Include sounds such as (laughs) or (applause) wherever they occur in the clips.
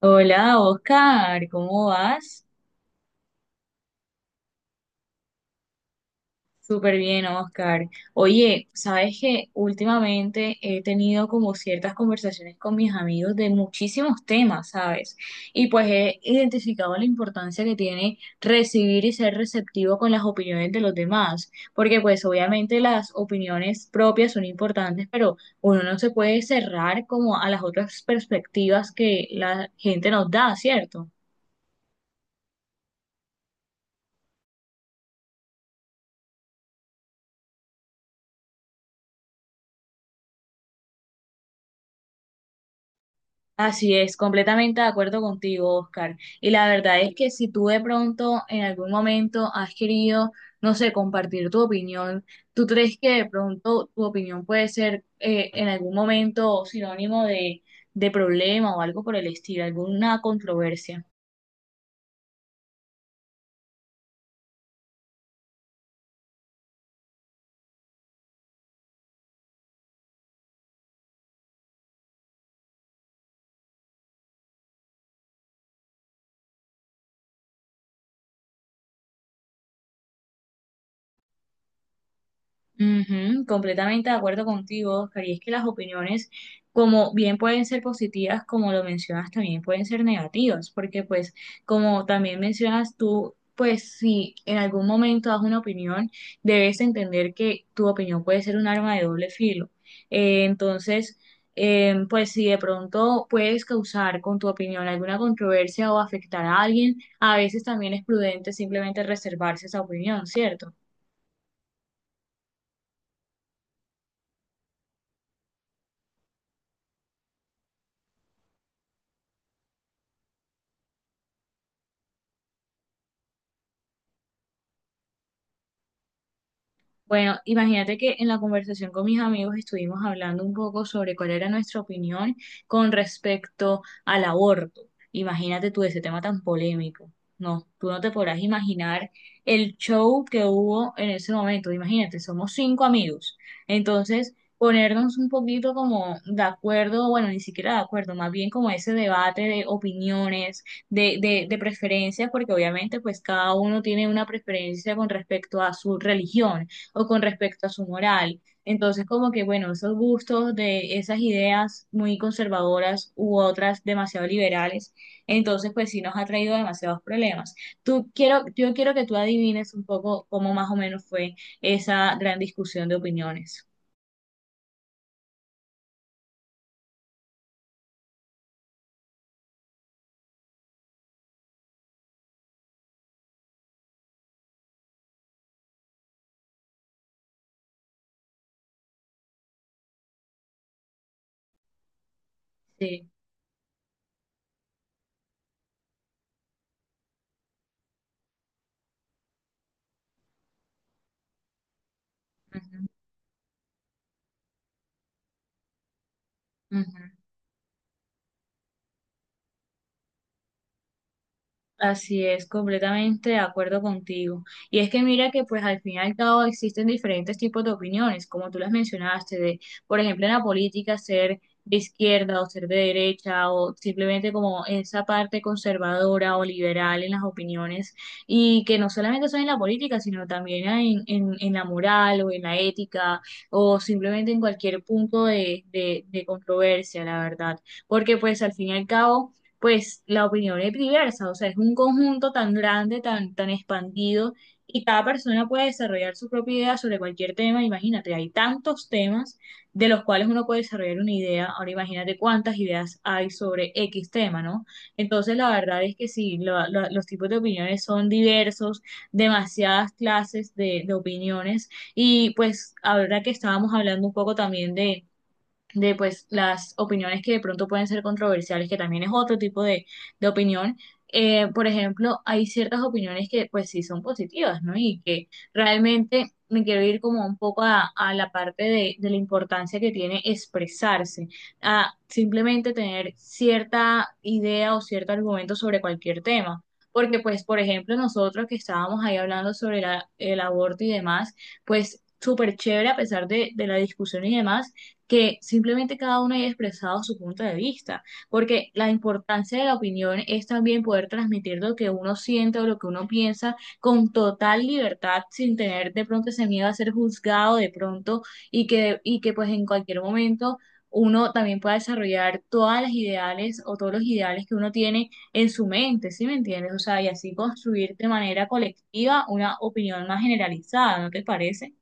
Hola, Oscar, ¿cómo vas? Súper bien, Oscar. Oye, sabes que últimamente he tenido como ciertas conversaciones con mis amigos de muchísimos temas, ¿sabes? Y pues he identificado la importancia que tiene recibir y ser receptivo con las opiniones de los demás, porque pues obviamente las opiniones propias son importantes, pero uno no se puede cerrar como a las otras perspectivas que la gente nos da, ¿cierto? Así es, completamente de acuerdo contigo, Oscar. Y la verdad es que si tú de pronto en algún momento has querido, no sé, compartir tu opinión, ¿tú crees que de pronto tu opinión puede ser en algún momento sinónimo de problema o algo por el estilo, alguna controversia? Ujú, completamente de acuerdo contigo, Oscar. Y es que las opiniones, como bien pueden ser positivas, como lo mencionas, también pueden ser negativas, porque pues, como también mencionas tú, pues si en algún momento das una opinión, debes entender que tu opinión puede ser un arma de doble filo. Entonces, pues si de pronto puedes causar con tu opinión alguna controversia o afectar a alguien, a veces también es prudente simplemente reservarse esa opinión, ¿cierto? Bueno, imagínate que en la conversación con mis amigos estuvimos hablando un poco sobre cuál era nuestra opinión con respecto al aborto. Imagínate tú ese tema tan polémico. No, tú no te podrás imaginar el show que hubo en ese momento. Imagínate, somos cinco amigos. Entonces, ponernos un poquito como de acuerdo, bueno, ni siquiera de acuerdo, más bien como ese debate de opiniones, de preferencias, porque obviamente pues cada uno tiene una preferencia con respecto a su religión o con respecto a su moral. Entonces, como que, bueno, esos gustos de esas ideas muy conservadoras u otras demasiado liberales, entonces, pues sí nos ha traído demasiados problemas. Yo quiero que tú adivines un poco cómo más o menos fue esa gran discusión de opiniones. Sí. Ujú, ujú. Así es, completamente de acuerdo contigo. Y es que mira que pues al fin y al cabo existen diferentes tipos de opiniones, como tú las mencionaste, de, por ejemplo, en la política ser de izquierda o ser de derecha o simplemente como esa parte conservadora o liberal en las opiniones y que no solamente son en la política, sino también en la moral o en la ética o simplemente en cualquier punto de controversia, la verdad. Porque pues al fin y al cabo pues la opinión es diversa, o sea, es un conjunto tan grande, tan expandido, y cada persona puede desarrollar su propia idea sobre cualquier tema. Imagínate, hay tantos temas de los cuales uno puede desarrollar una idea. Ahora imagínate cuántas ideas hay sobre X tema, ¿no? Entonces, la verdad es que sí, los tipos de opiniones son diversos, demasiadas clases de opiniones, y pues ahora que estábamos hablando un poco también de pues las opiniones que de pronto pueden ser controversiales, que también es otro tipo de opinión. Por ejemplo, hay ciertas opiniones que pues sí son positivas, ¿no? Y que realmente me quiero ir como un poco a la parte de la importancia que tiene expresarse, a simplemente tener cierta idea o cierto argumento sobre cualquier tema. Porque pues, por ejemplo, nosotros que estábamos ahí hablando sobre el aborto y demás, pues súper chévere a pesar de la discusión y demás que simplemente cada uno haya expresado su punto de vista, porque la importancia de la opinión es también poder transmitir lo que uno siente o lo que uno piensa con total libertad, sin tener de pronto ese miedo a ser juzgado de pronto y que pues en cualquier momento uno también pueda desarrollar todas las ideales o todos los ideales que uno tiene en su mente, ¿sí me entiendes? O sea, y así construir de manera colectiva una opinión más generalizada, ¿no te parece?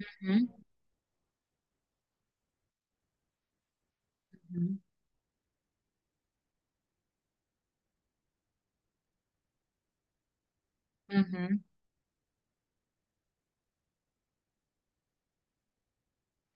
Ujú, ujú, ujú.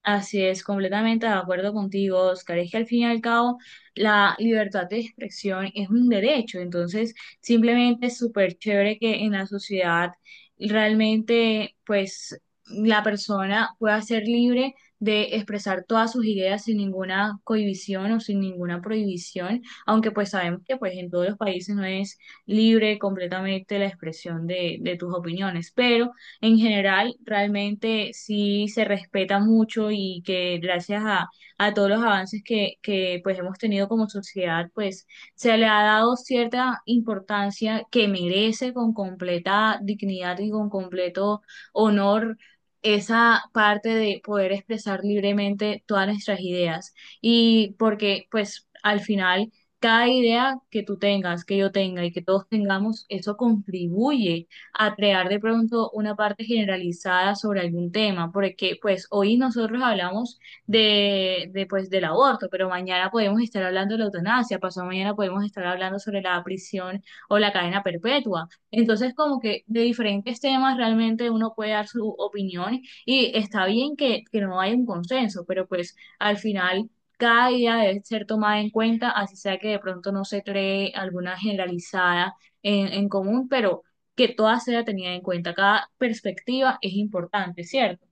Así es, completamente de acuerdo contigo, Oscar. Es que al fin y al cabo la libertad de expresión es un derecho, entonces simplemente es súper chévere que en la sociedad realmente pues la persona pueda ser libre de expresar todas sus ideas sin ninguna cohibición o sin ninguna prohibición, aunque pues sabemos que pues en todos los países no es libre completamente la expresión de tus opiniones, pero en general realmente sí se respeta mucho y que gracias a todos los avances que pues hemos tenido como sociedad, pues se le ha dado cierta importancia que merece con completa dignidad y con completo honor esa parte de poder expresar libremente todas nuestras ideas. Y porque pues al final cada idea que tú tengas, que yo tenga y que todos tengamos, eso contribuye a crear de pronto una parte generalizada sobre algún tema, porque pues hoy nosotros hablamos pues del aborto, pero mañana podemos estar hablando de la eutanasia, pasado mañana podemos estar hablando sobre la prisión o la cadena perpetua. Entonces, como que de diferentes temas realmente uno puede dar su opinión y está bien que no haya un consenso, pero pues al final cada idea debe ser tomada en cuenta, así sea que de pronto no se cree alguna generalizada en común, pero que todas sea tenida en cuenta. Cada perspectiva es importante, ¿cierto?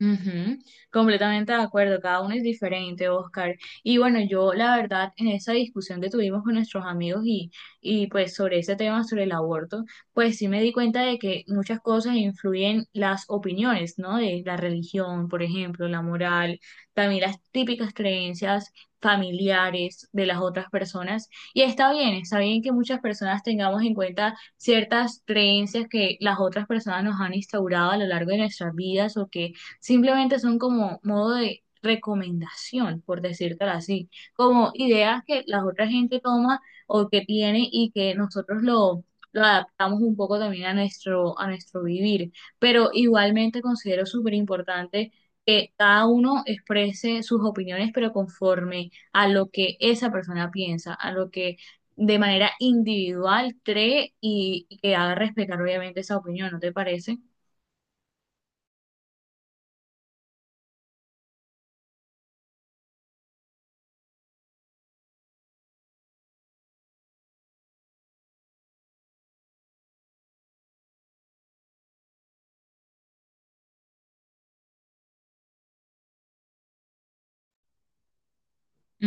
Ujú, completamente de acuerdo, cada uno es diferente, Oscar. Y bueno, yo la verdad en esa discusión que tuvimos con nuestros amigos y pues sobre ese tema, sobre el aborto, pues sí me di cuenta de que muchas cosas influyen las opiniones, ¿no? De la religión, por ejemplo, la moral, también las típicas creencias familiares de las otras personas. Y está bien que muchas personas tengamos en cuenta ciertas creencias que las otras personas nos han instaurado a lo largo de nuestras vidas o que simplemente son como modo de recomendación, por decírtelo así, como ideas que la otra gente toma o que tiene y que nosotros lo adaptamos un poco también a nuestro vivir. Pero igualmente considero súper importante que cada uno exprese sus opiniones, pero conforme a lo que esa persona piensa, a lo que de manera individual cree y que haga respetar obviamente esa opinión, ¿no te parece?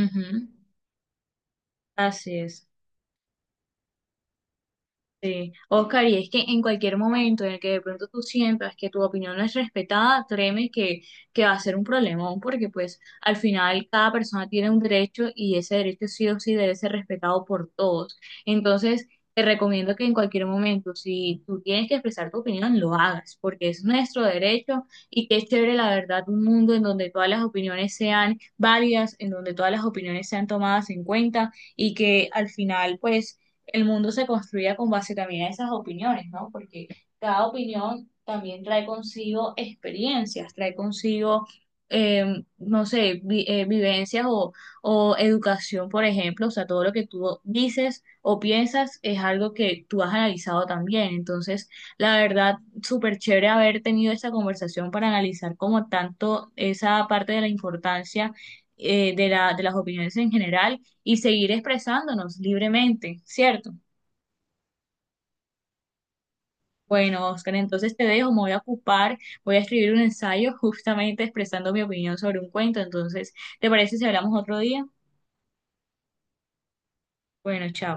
Ujú. Así es. Sí, Oscar, y es que en cualquier momento en el que de pronto tú sientas que tu opinión no es respetada, créeme que va a ser un problemón, porque pues al final cada persona tiene un derecho y ese derecho sí o sí debe ser respetado por todos. Entonces, te recomiendo que en cualquier momento, si tú tienes que expresar tu opinión, lo hagas, porque es nuestro derecho y qué chévere, la verdad, un mundo en donde todas las opiniones sean válidas, en donde todas las opiniones sean tomadas en cuenta y que al final, pues el mundo se construya con base también a esas opiniones, ¿no? Porque cada opinión también trae consigo experiencias, trae consigo, no sé, vivencias o educación, por ejemplo, o sea, todo lo que tú dices o piensas es algo que tú has analizado también. Entonces, la verdad, súper chévere haber tenido esta conversación para analizar como tanto esa parte de la importancia de la, de las opiniones en general y seguir expresándonos libremente, ¿cierto? Bueno, Oscar, entonces te dejo, me voy a ocupar, voy a escribir un ensayo (laughs) justamente expresando mi opinión sobre un cuento, entonces, ¿te parece si hablamos otro día? Bueno, chao.